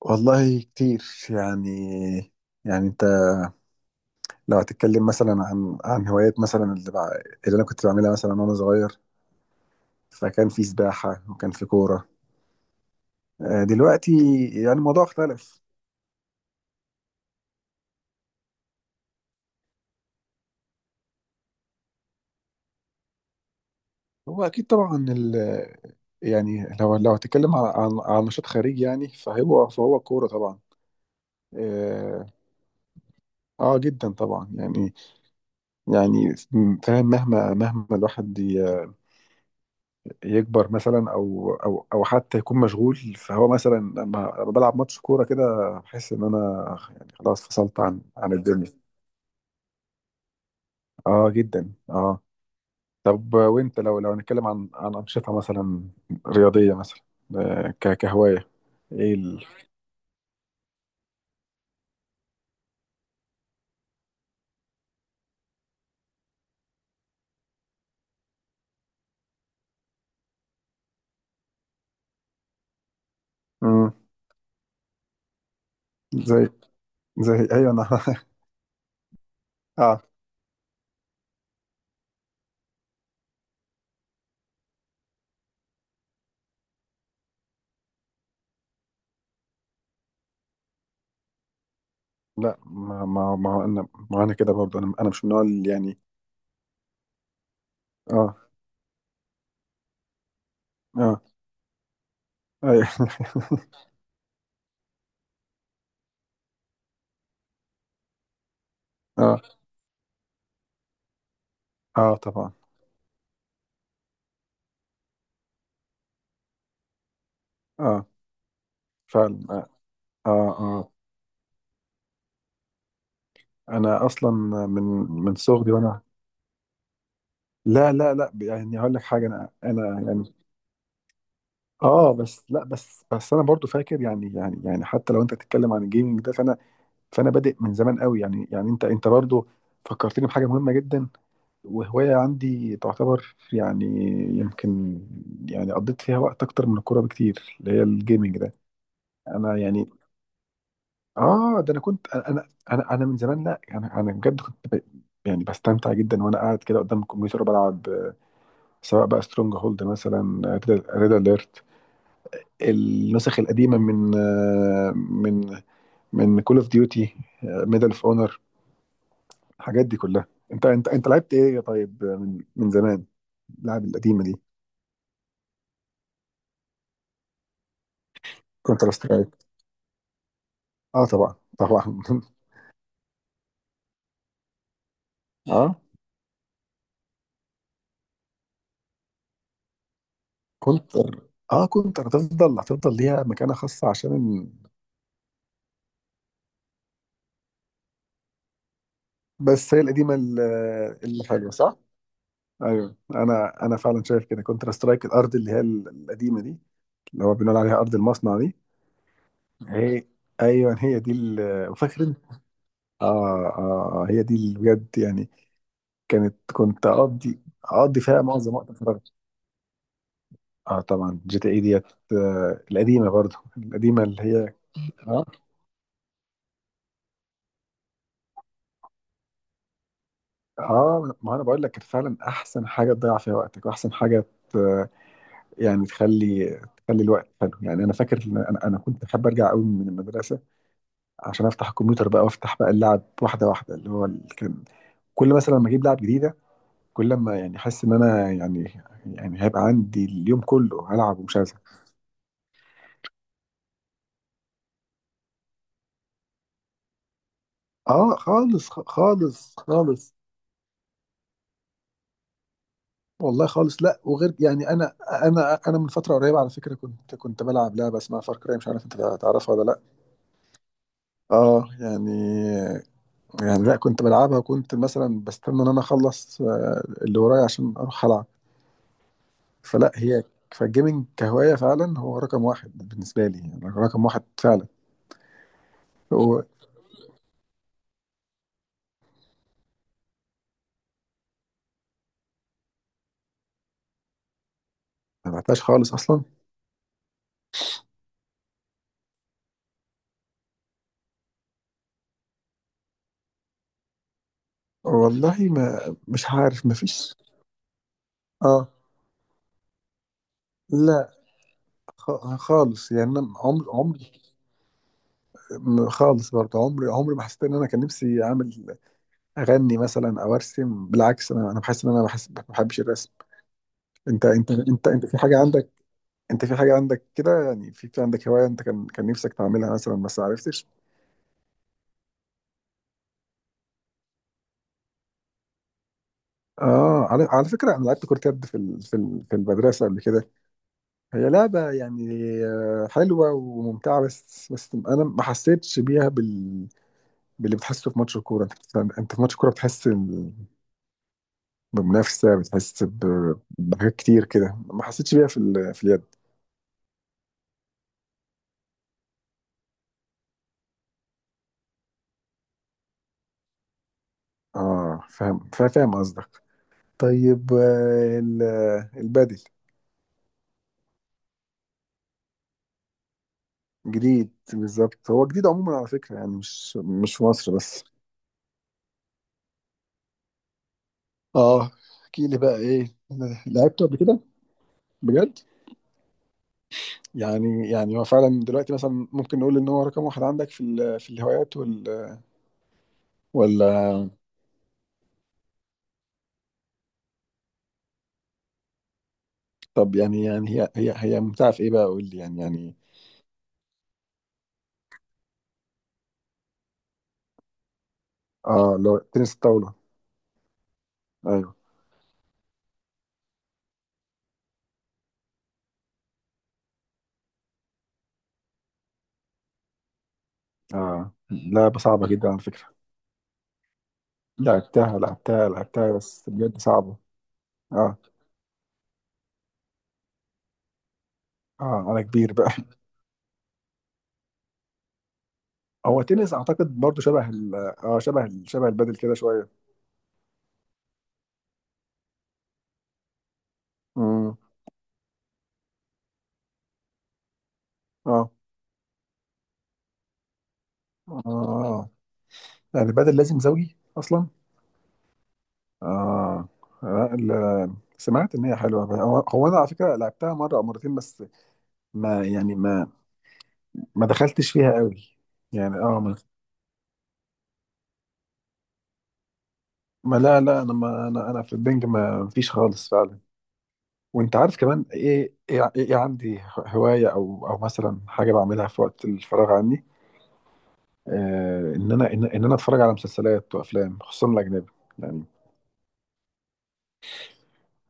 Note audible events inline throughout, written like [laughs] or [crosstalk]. والله كتير. يعني يعني، انت لو هتتكلم مثلا عن هوايات مثلا، اللي انا كنت بعملها مثلا وانا صغير، فكان في سباحة وكان في كورة. دلوقتي يعني الموضوع اختلف. هو اكيد طبعا يعني لو هتتكلم عن نشاط خارجي، يعني فهو كورة طبعا. اه. آه، جدا طبعا، يعني، يعني فاهم، مهما الواحد يكبر مثلا او حتى يكون مشغول، فهو مثلا لما بلعب ماتش كوره كده بحس ان انا، يعني، خلاص فصلت عن الدنيا. اه، جدا، اه. طب، وانت لو هنتكلم عن انشطه مثلا رياضيه مثلا، كهوايه؟ ايه مم. زي زي، ايوه، انا [laughs] اه. لا، ما هو انا، ما انا كده برضه، انا مش من النوع اللي يعني. اه، اه، ايوه [laughs] اه، اه، طبعا. اه. فعلا. اه، اه، آه. انا اصلا من صغري، وانا. لا، لا، لا، يعني هقول لك حاجه. انا يعني. اه، بس لا، بس انا برضو فاكر، يعني، حتى لو انت تتكلم عن الجيمنج ده، فانا بادئ من زمان قوي. يعني، انت برضو فكرتني بحاجه مهمه جدا، وهوايه عندي تعتبر، يعني، يمكن، يعني، قضيت فيها وقت اكتر من الكوره بكتير، اللي هي الجيمنج ده. انا يعني. اه، ده انا كنت، انا من زمان، لا، انا بجد كنت يعني بستمتع جدا وانا قاعد كده قدام الكمبيوتر بلعب، سواء بقى سترونج هولد مثلا، ريد اليرت، النسخ القديمه من من كول اوف ديوتي، ميدل اوف اونر، الحاجات دي كلها. انت لعبت ايه يا طيب من زمان، اللعب القديمه دي؟ كونتر سترايك. اه، طبعا، طبعا [laughs] اه كونتر اه، كونتر، هتفضل ليها مكانه خاصه عشان بس هي القديمه، اللي حلوه، صح؟ ايوه، انا فعلا شايف كده. كونتر سترايك، الارض اللي هي القديمه دي، اللي هو بنقول عليها ارض المصنع دي. هي ايوه، هي دي فاكر انت؟ اه، اه، آه، هي دي اللي بجد يعني. كنت اقضي فيها معظم وقت فراغي. اه طبعا، جي تي اي ديت. القديمه، برضو القديمه اللي هي. اه، اه، ما انا بقول لك كانت فعلا احسن حاجه تضيع فيها وقتك، واحسن حاجه ت- يعني تخلي الوقت حلو. يعني انا فاكر إن انا كنت بحب ارجع قوي من المدرسه عشان افتح الكمبيوتر بقى وافتح بقى اللعب واحده واحده، اللي هو كان، كل مثلا لما اجيب لعب جديده، كل لما يعني احس ان انا، يعني، هيبقى عندي اليوم كله هلعب ومش هزهق. اه، خالص، خالص، خالص. والله خالص، لا، وغير، يعني انا من فتره قريبه على فكره كنت بلعب لعبه اسمها فار كراي، مش عارف انت تعرفها ولا لا. اه، يعني، لا، كنت بلعبها وكنت مثلا بستنى ان انا اخلص اللي ورايا عشان اروح العب. فلا هي فالجيمنج كهوايه فعلا هو رقم واحد بالنسبه لي، يعني رقم واحد فعلا. هو ما بعتهاش خالص اصلا. والله، ما مش عارف، ما فيش. اه، لا، خالص. يعني انا عمري، خالص برضه عمري ما حسيت ان انا كان نفسي اعمل، اغني مثلا او ارسم. بالعكس، انا بحس ان انا بحس ما بحبش الرسم. انت في حاجه عندك، انت في حاجه عندك كده، يعني في عندك هوايه انت كان نفسك تعملها مثلا بس ما عرفتش؟ اه، على فكره، انا لعبت كره يد في في المدرسه قبل كده. هي لعبه، يعني، حلوه وممتعه، بس انا ما حسيتش بيها باللي بتحسه في ماتش الكورة. انت انت في ماتش الكورة بتحس بمنافسة، بتحس بحاجات كتير كده، ما حسيتش بيها في في اليد. اه فاهم، فاهم قصدك. طيب، البادل. جديد بالظبط، هو جديد عموما على فكرة، يعني مش في مصر بس. اه. احكي لي بقى، ايه، لعبته قبل كده بجد؟ يعني هو فعلا دلوقتي مثلا ممكن نقول ان هو رقم واحد عندك في في الهوايات ولا؟ طب، يعني هي ممتعة في ايه بقى، قول لي، يعني اه، لو تنس الطاولة؟ ايوه. اه، لعبة صعبة جدا على فكرة. لعبتها، لعبتها، لعبتها، بس بجد صعبة. اه، اه، انا كبير بقى [laughs] هو التنس اعتقد برضو شبه ال اه شبه ال شبه البادل كده شوية. امم. اه، اه، يعني البادل لازم زوجي اصلا. اه، سمعت ان هي حلوه بقى. هو انا على فكره لعبتها مره او مرتين، بس ما يعني ما دخلتش فيها قوي. يعني، اه، ما، لا، لا، انا ما انا في البنج ما فيش خالص فعلا. وانت عارف كمان، إيه عندي هوايه او مثلا حاجه بعملها في وقت الفراغ عني. ان انا اتفرج على مسلسلات وافلام، خصوصا الاجنبي، يعني.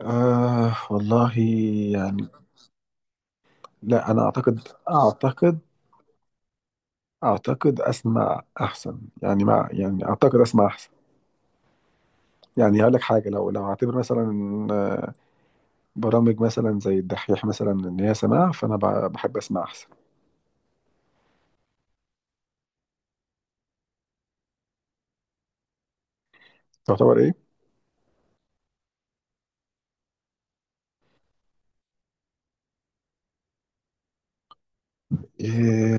والله، يعني، لا، انا اعتقد اعتقد اسمع احسن، يعني مع، يعني اعتقد اسمع احسن. يعني هقول لك حاجه، لو هعتبر مثلا برامج مثلا زي الدحيح مثلا ان هي سماع، فانا بحب اسمع احسن. تعتبر ايه؟ إيه.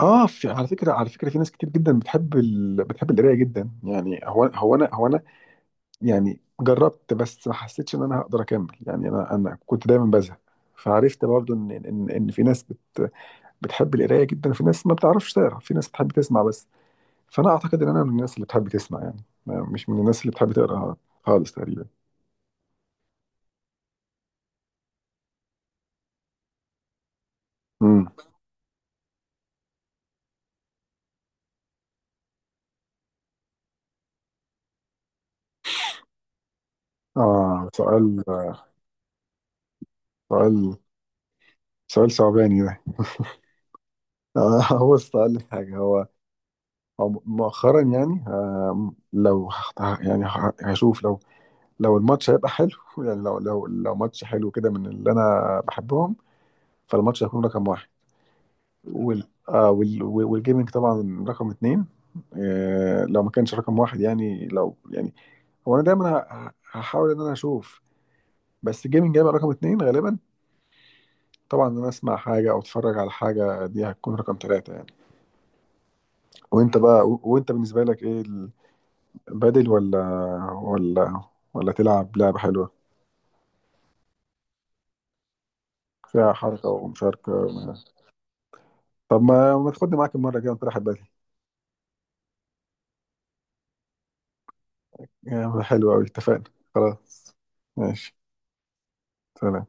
اه، في على فكره، في ناس كتير جدا بتحب بتحب القرايه جدا، يعني هو انا، يعني جربت، بس ما حسيتش ان انا هقدر اكمل. يعني انا كنت دايما بزهق. فعرفت برضو ان في ناس بتحب القرايه جدا، وفي ناس ما بتعرفش تقرا، في ناس بتحب تسمع بس. فانا اعتقد ان انا من الناس اللي بتحب تسمع، يعني مش من الناس اللي بتحب تقرا خالص تقريبا. امم. اه، سؤال، سؤال، سؤال صعباني ده، [laughs] هو السؤال حاجه، هو هو مؤخرا يعني، يعني هشوف، لو الماتش هيبقى حلو [laughs] يعني لو ماتش حلو كده من اللي انا بحبهم، فالماتش هيكون رقم واحد. والجيمنج طبعا رقم اتنين. لو ما كانش رقم واحد، يعني لو، يعني، هو انا دايما هحاول ان انا اشوف، بس الجيمنج هيبقى رقم اتنين غالبا. طبعا ان انا اسمع حاجه او اتفرج على حاجه، دي هتكون رقم ثلاثه يعني. وانت بقى، وانت بالنسبه لك ايه؟ بدل ولا ولا تلعب لعبة حلوة فيها حركة ومشاركة؟ طب، ما تاخدني معاك المرة الجاية ونروح بدل. يا عم، حلو أوي، اتفقنا. خلاص. ماشي. سلام.